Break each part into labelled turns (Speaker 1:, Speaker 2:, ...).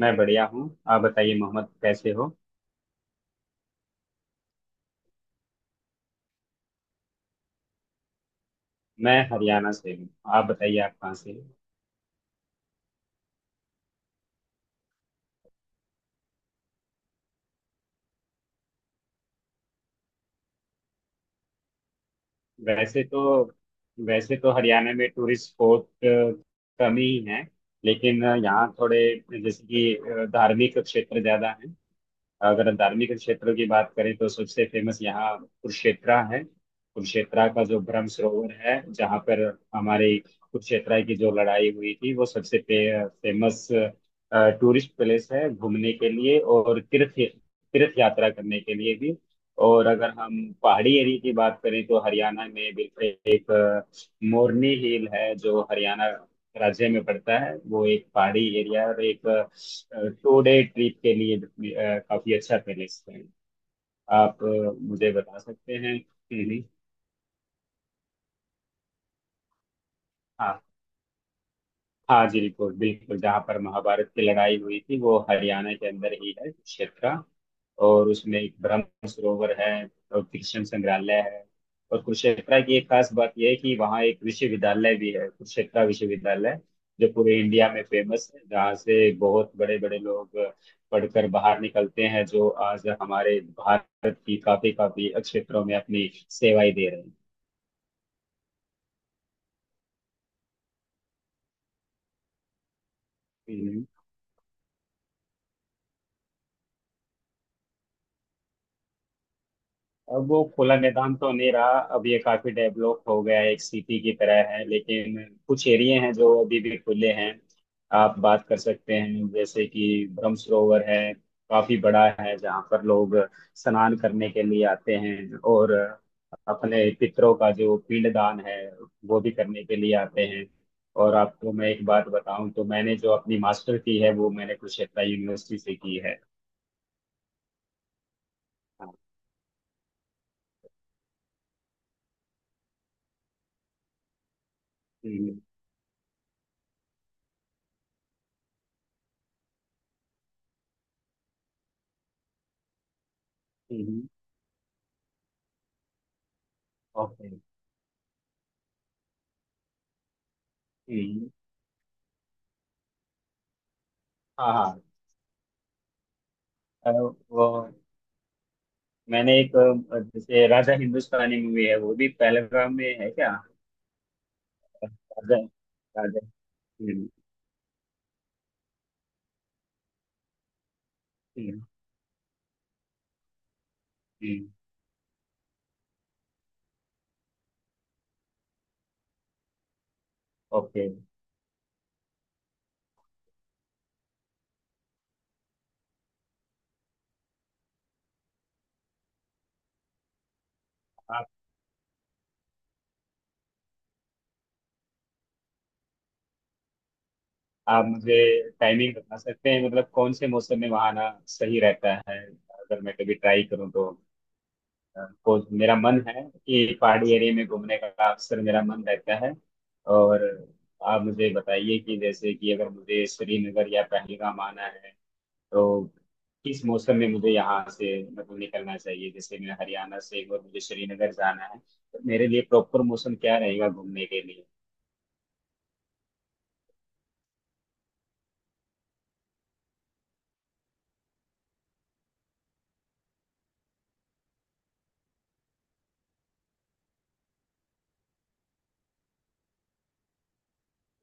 Speaker 1: मैं बढ़िया हूँ। आप बताइए मोहम्मद कैसे हो? मैं हरियाणा से हूँ। आप बताइए आप कहाँ से हो? वैसे तो वैसे तो हरियाणा में टूरिस्ट स्पॉट कम ही हैं, लेकिन यहाँ थोड़े, जैसे कि धार्मिक क्षेत्र ज़्यादा हैं। अगर धार्मिक क्षेत्रों की बात करें तो सबसे फेमस यहाँ कुरुक्षेत्रा है। कुरुक्षेत्रा का जो ब्रह्म सरोवर है, जहाँ पर हमारे कुरुक्षेत्रा की जो लड़ाई हुई थी, वो सबसे फेमस टूरिस्ट प्लेस है, घूमने के लिए और तीर्थ तीर्थ यात्रा करने के लिए भी। और अगर हम पहाड़ी एरिया की बात करें तो हरियाणा में बिल्कुल एक मोरनी हिल है, जो हरियाणा राज्य में पड़ता है। वो एक पहाड़ी एरिया और एक टू डे ट्रिप के लिए भी, काफी अच्छा पैलेस है। आप मुझे बता सकते हैं। हम्म। हाँ, हाँ जी, बिल्कुल बिल्कुल, जहाँ पर महाभारत की लड़ाई हुई थी वो हरियाणा के अंदर ही है, कुरुक्षेत्र। और उसमें एक ब्रह्म सरोवर है और कृष्ण संग्रहालय है। और कुरुक्षेत्रा की एक खास बात यह है कि वहाँ एक विश्वविद्यालय भी है, कुरुक्षेत्रा विश्वविद्यालय, जो पूरे इंडिया में फेमस है, जहाँ से बहुत बड़े बड़े लोग पढ़कर बाहर निकलते हैं, जो आज हमारे भारत की काफी काफी क्षेत्रों में अपनी सेवाएं दे रहे हैं। अब वो खुला मैदान तो नहीं रहा, अब ये काफी डेवलप हो गया है, एक सिटी की तरह है, लेकिन कुछ एरिया हैं जो अभी भी खुले हैं, आप बात कर सकते हैं। जैसे कि ब्रह्म सरोवर है, काफी बड़ा है, जहाँ पर लोग स्नान करने के लिए आते हैं और अपने पितरों का जो पिंडदान है वो भी करने के लिए आते हैं। और आपको मैं एक बात बताऊं तो मैंने जो अपनी मास्टर की है वो मैंने कुरुक्षेत्र यूनिवर्सिटी से की है। हाँ। हम्म, हम्म, ओके। हम्म। हाँ हाँ। अ, वो मैंने एक, जैसे राजा हिंदुस्तानी मूवी है, वो भी पहलगाम में है क्या? राजा। राजा। हम्म। हम्म। हम्म। ओके। आप आप मुझे टाइमिंग बता सकते हैं? मतलब कौन से मौसम में वहाँ आना सही रहता है, अगर मैं कभी ट्राई करूँ तो? को मेरा मन है कि पहाड़ी एरिया में घूमने का अक्सर मेरा मन रहता है। और आप मुझे बताइए कि जैसे कि अगर मुझे श्रीनगर या पहलगाम आना है तो किस मौसम में मुझे यहाँ से मतलब निकलना चाहिए? जैसे मैं हरियाणा से हूँ और मुझे श्रीनगर जाना है, तो मेरे लिए प्रॉपर मौसम क्या रहेगा घूमने के लिए?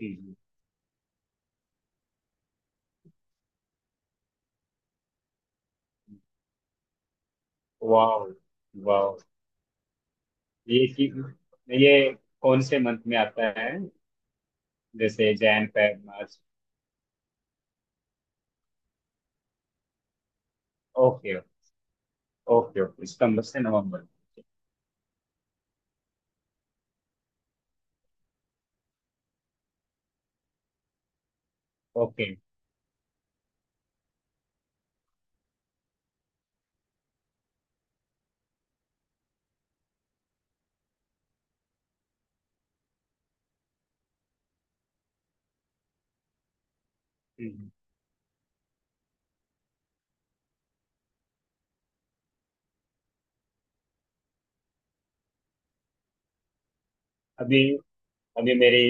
Speaker 1: हम्म। वाह, वाह। ये कि ये कौन से मंथ में आता है? जैसे Jan, Feb, March? Okay, okay, okay. सितंबर से नवंबर। ओके। हम्म। अभी अभी मेरी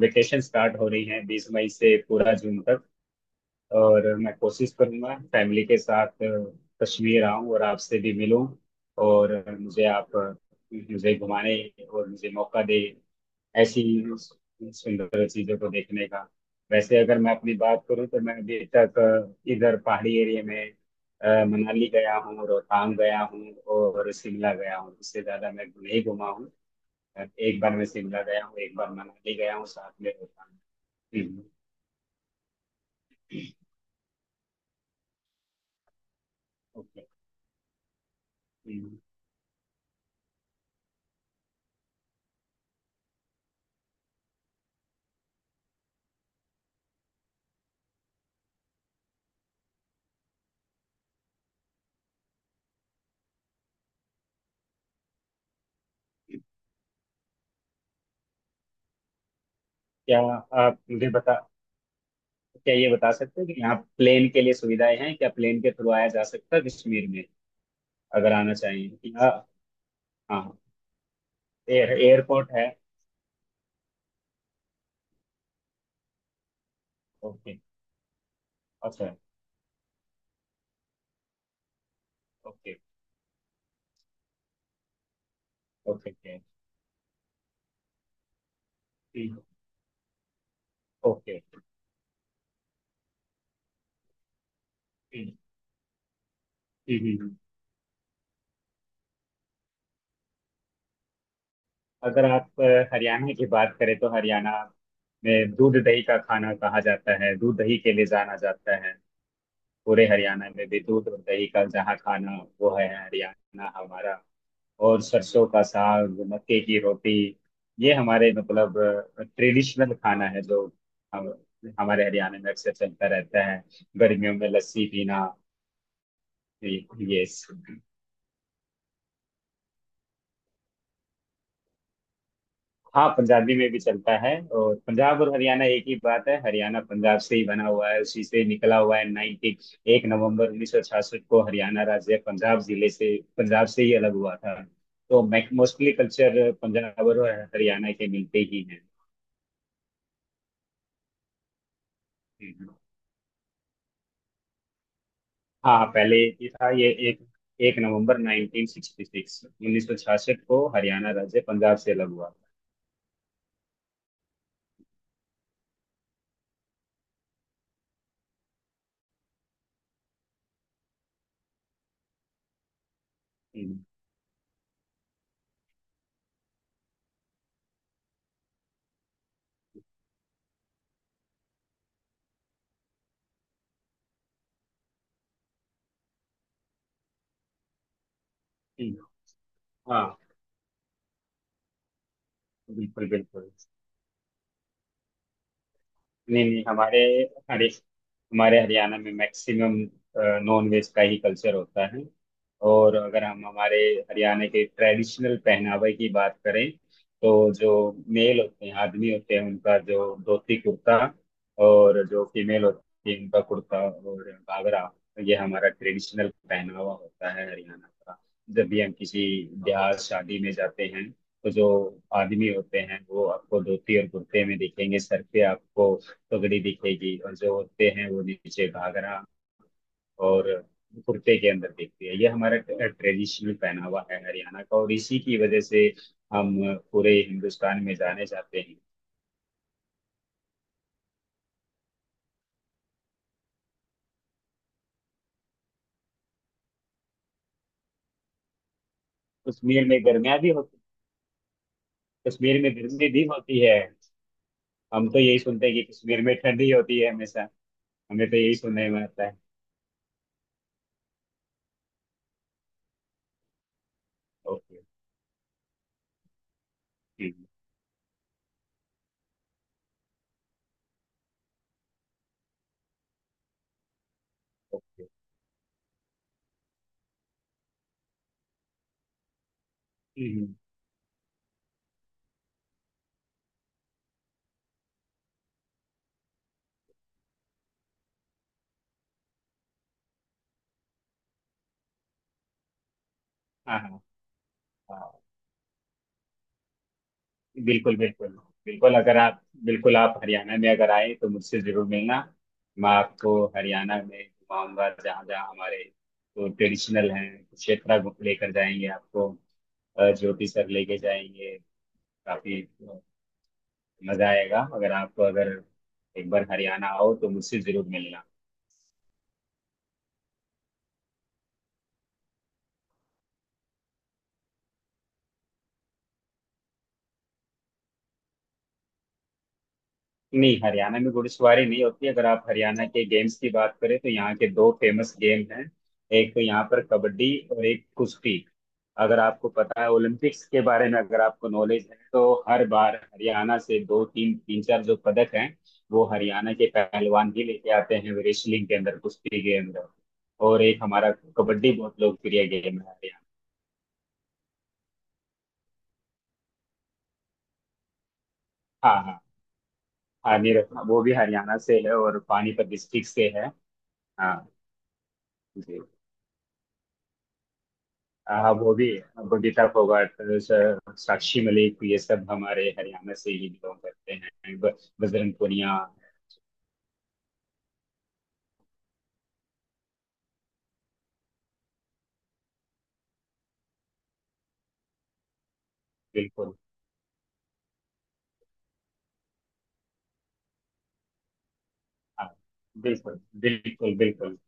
Speaker 1: वेकेशन स्टार्ट हो रही है, 20 मई से पूरा जून तक। और मैं कोशिश करूंगा फैमिली के साथ कश्मीर आऊं और आपसे भी मिलूं। और मुझे आप मुझे घुमाने और मुझे मौका दे ऐसी सुंदर चीजों को देखने का। वैसे अगर मैं अपनी बात करूं तो मैं अभी तक इधर पहाड़ी एरिया में मनाली गया हूँ, रोहतांग गया हूँ और शिमला गया हूँ। इससे ज्यादा मैं नहीं घुमा हूँ। एक बार मैं शिमला गया हूँ, एक बार मनाली गया हूँ साथ में रोहतांग। हम्म, ओके। हम्म। क्या आप मुझे बता क्या ये बता सकते हैं कि यहाँ प्लेन के लिए सुविधाएं हैं? क्या प्लेन के थ्रू आया जा सकता है कश्मीर में? अगर आना चाहिए कि हाँ? हाँ, एयरपोर्ट है। ओके। अच्छा। Okay, okay, okay. हम्म। ओके। हम्म, हम्म, हम्म। अगर आप हरियाणा की बात करें तो हरियाणा में दूध दही का खाना कहा जाता है, दूध दही के लिए जाना जाता है। पूरे हरियाणा में भी दूध और दही का जहाँ खाना, वो है हरियाणा हमारा। और सरसों का साग, मक्के की रोटी, ये हमारे मतलब ट्रेडिशनल खाना है, जो हम हमारे हरियाणा में अक्सर चलता रहता है। गर्मियों में लस्सी पीना, ये ये सब। हाँ, पंजाबी में भी चलता है। और पंजाब और हरियाणा एक ही बात है, हरियाणा पंजाब से ही बना हुआ है, उसी से निकला हुआ है। 90, एक नवंबर 1966 को हरियाणा राज्य पंजाब जिले से, पंजाब से ही अलग हुआ था, तो मोस्टली कल्चर पंजाब और हरियाणा के मिलते ही हैं। हाँ, पहले ये था। ये एक एक नवंबर 1966 को हरियाणा राज्य पंजाब से अलग हुआ। हम्म, हम्म, हाँ। बिल्कुल बिल्कुल। नहीं, नहीं, हमारे हरि हमारे हरियाणा में मैक्सिमम नॉन वेज का ही कल्चर होता है। और अगर हम हमारे हरियाणा के ट्रेडिशनल पहनावे की बात करें, तो जो मेल होते हैं, आदमी होते हैं, उनका जो धोती कुर्ता, और जो फीमेल होती है उनका कुर्ता और घाघरा, ये हमारा ट्रेडिशनल पहनावा होता है हरियाणा का। जब भी हम किसी ब्याह शादी में जाते हैं, तो जो आदमी होते हैं वो आपको धोती और कुर्ते में दिखेंगे, सर पे आपको पगड़ी दिखेगी, और जो होते हैं वो नीचे घाघरा और कुर्ते के अंदर दिखती है। ये हमारा ट्रेडिशनल पहनावा है हरियाणा का, और इसी की वजह से हम पूरे हिंदुस्तान में जाने जाते हैं। कश्मीर में गर्मियाँ भी होती? कश्मीर में गर्मी भी होती है? हम तो यही सुनते हैं कि कश्मीर में ठंडी होती है हमेशा। हमें तो यही सुनने में आता है। Okay, okay. हाँ हाँ। हाँ। बिल्कुल बिल्कुल। बिल्कुल, अगर आप बिल्कुल आप हरियाणा में अगर आए तो मुझसे जरूर मिलना। मैं आपको हरियाणा में घुमाऊंगा, जहाँ जहाँ हमारे जो ट्रेडिशनल हैं क्षेत्र लेकर जाएंगे आपको। ज्योति सर लेके जाएंगे। काफी मजा आएगा, अगर एक बार हरियाणा आओ तो मुझसे जरूर मिलना। नहीं, हरियाणा में घुड़सवारी नहीं होती। अगर आप हरियाणा के गेम्स की बात करें तो यहाँ के दो फेमस गेम हैं, एक तो यहाँ पर कबड्डी और एक कुश्ती। अगर आपको पता है ओलंपिक्स के बारे में, अगर आपको नॉलेज है, तो हर बार हरियाणा से दो तीन तीन चार जो पदक हैं, वो हरियाणा के पहलवान ही लेके आते हैं, रेसलिंग के अंदर, कुश्ती के अंदर। और एक हमारा कबड्डी बहुत लोकप्रिय गेम है हरियाणा। हाँ हाँ। हाँ, नीरज। हाँ, वो भी हरियाणा से है और पानीपत डिस्ट्रिक्ट से है। हाँ। जी। वो भी बबीता फोगाट, साक्षी मलिक, ये सब हमारे हरियाणा से ही बिलोंग करते हैं, बजरंग पुनिया। बिल्कुल। हाँ, बिल्कुल बिल्कुल। बिल्कुल,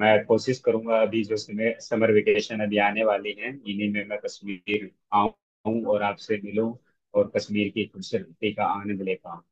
Speaker 1: मैं कोशिश करूंगा, अभी जो समय समर वेकेशन अभी आने वाली है, इन्हीं में मैं कश्मीर आऊं और आपसे मिलूं, और कश्मीर की खूबसूरती का आनंद ले पाऊं।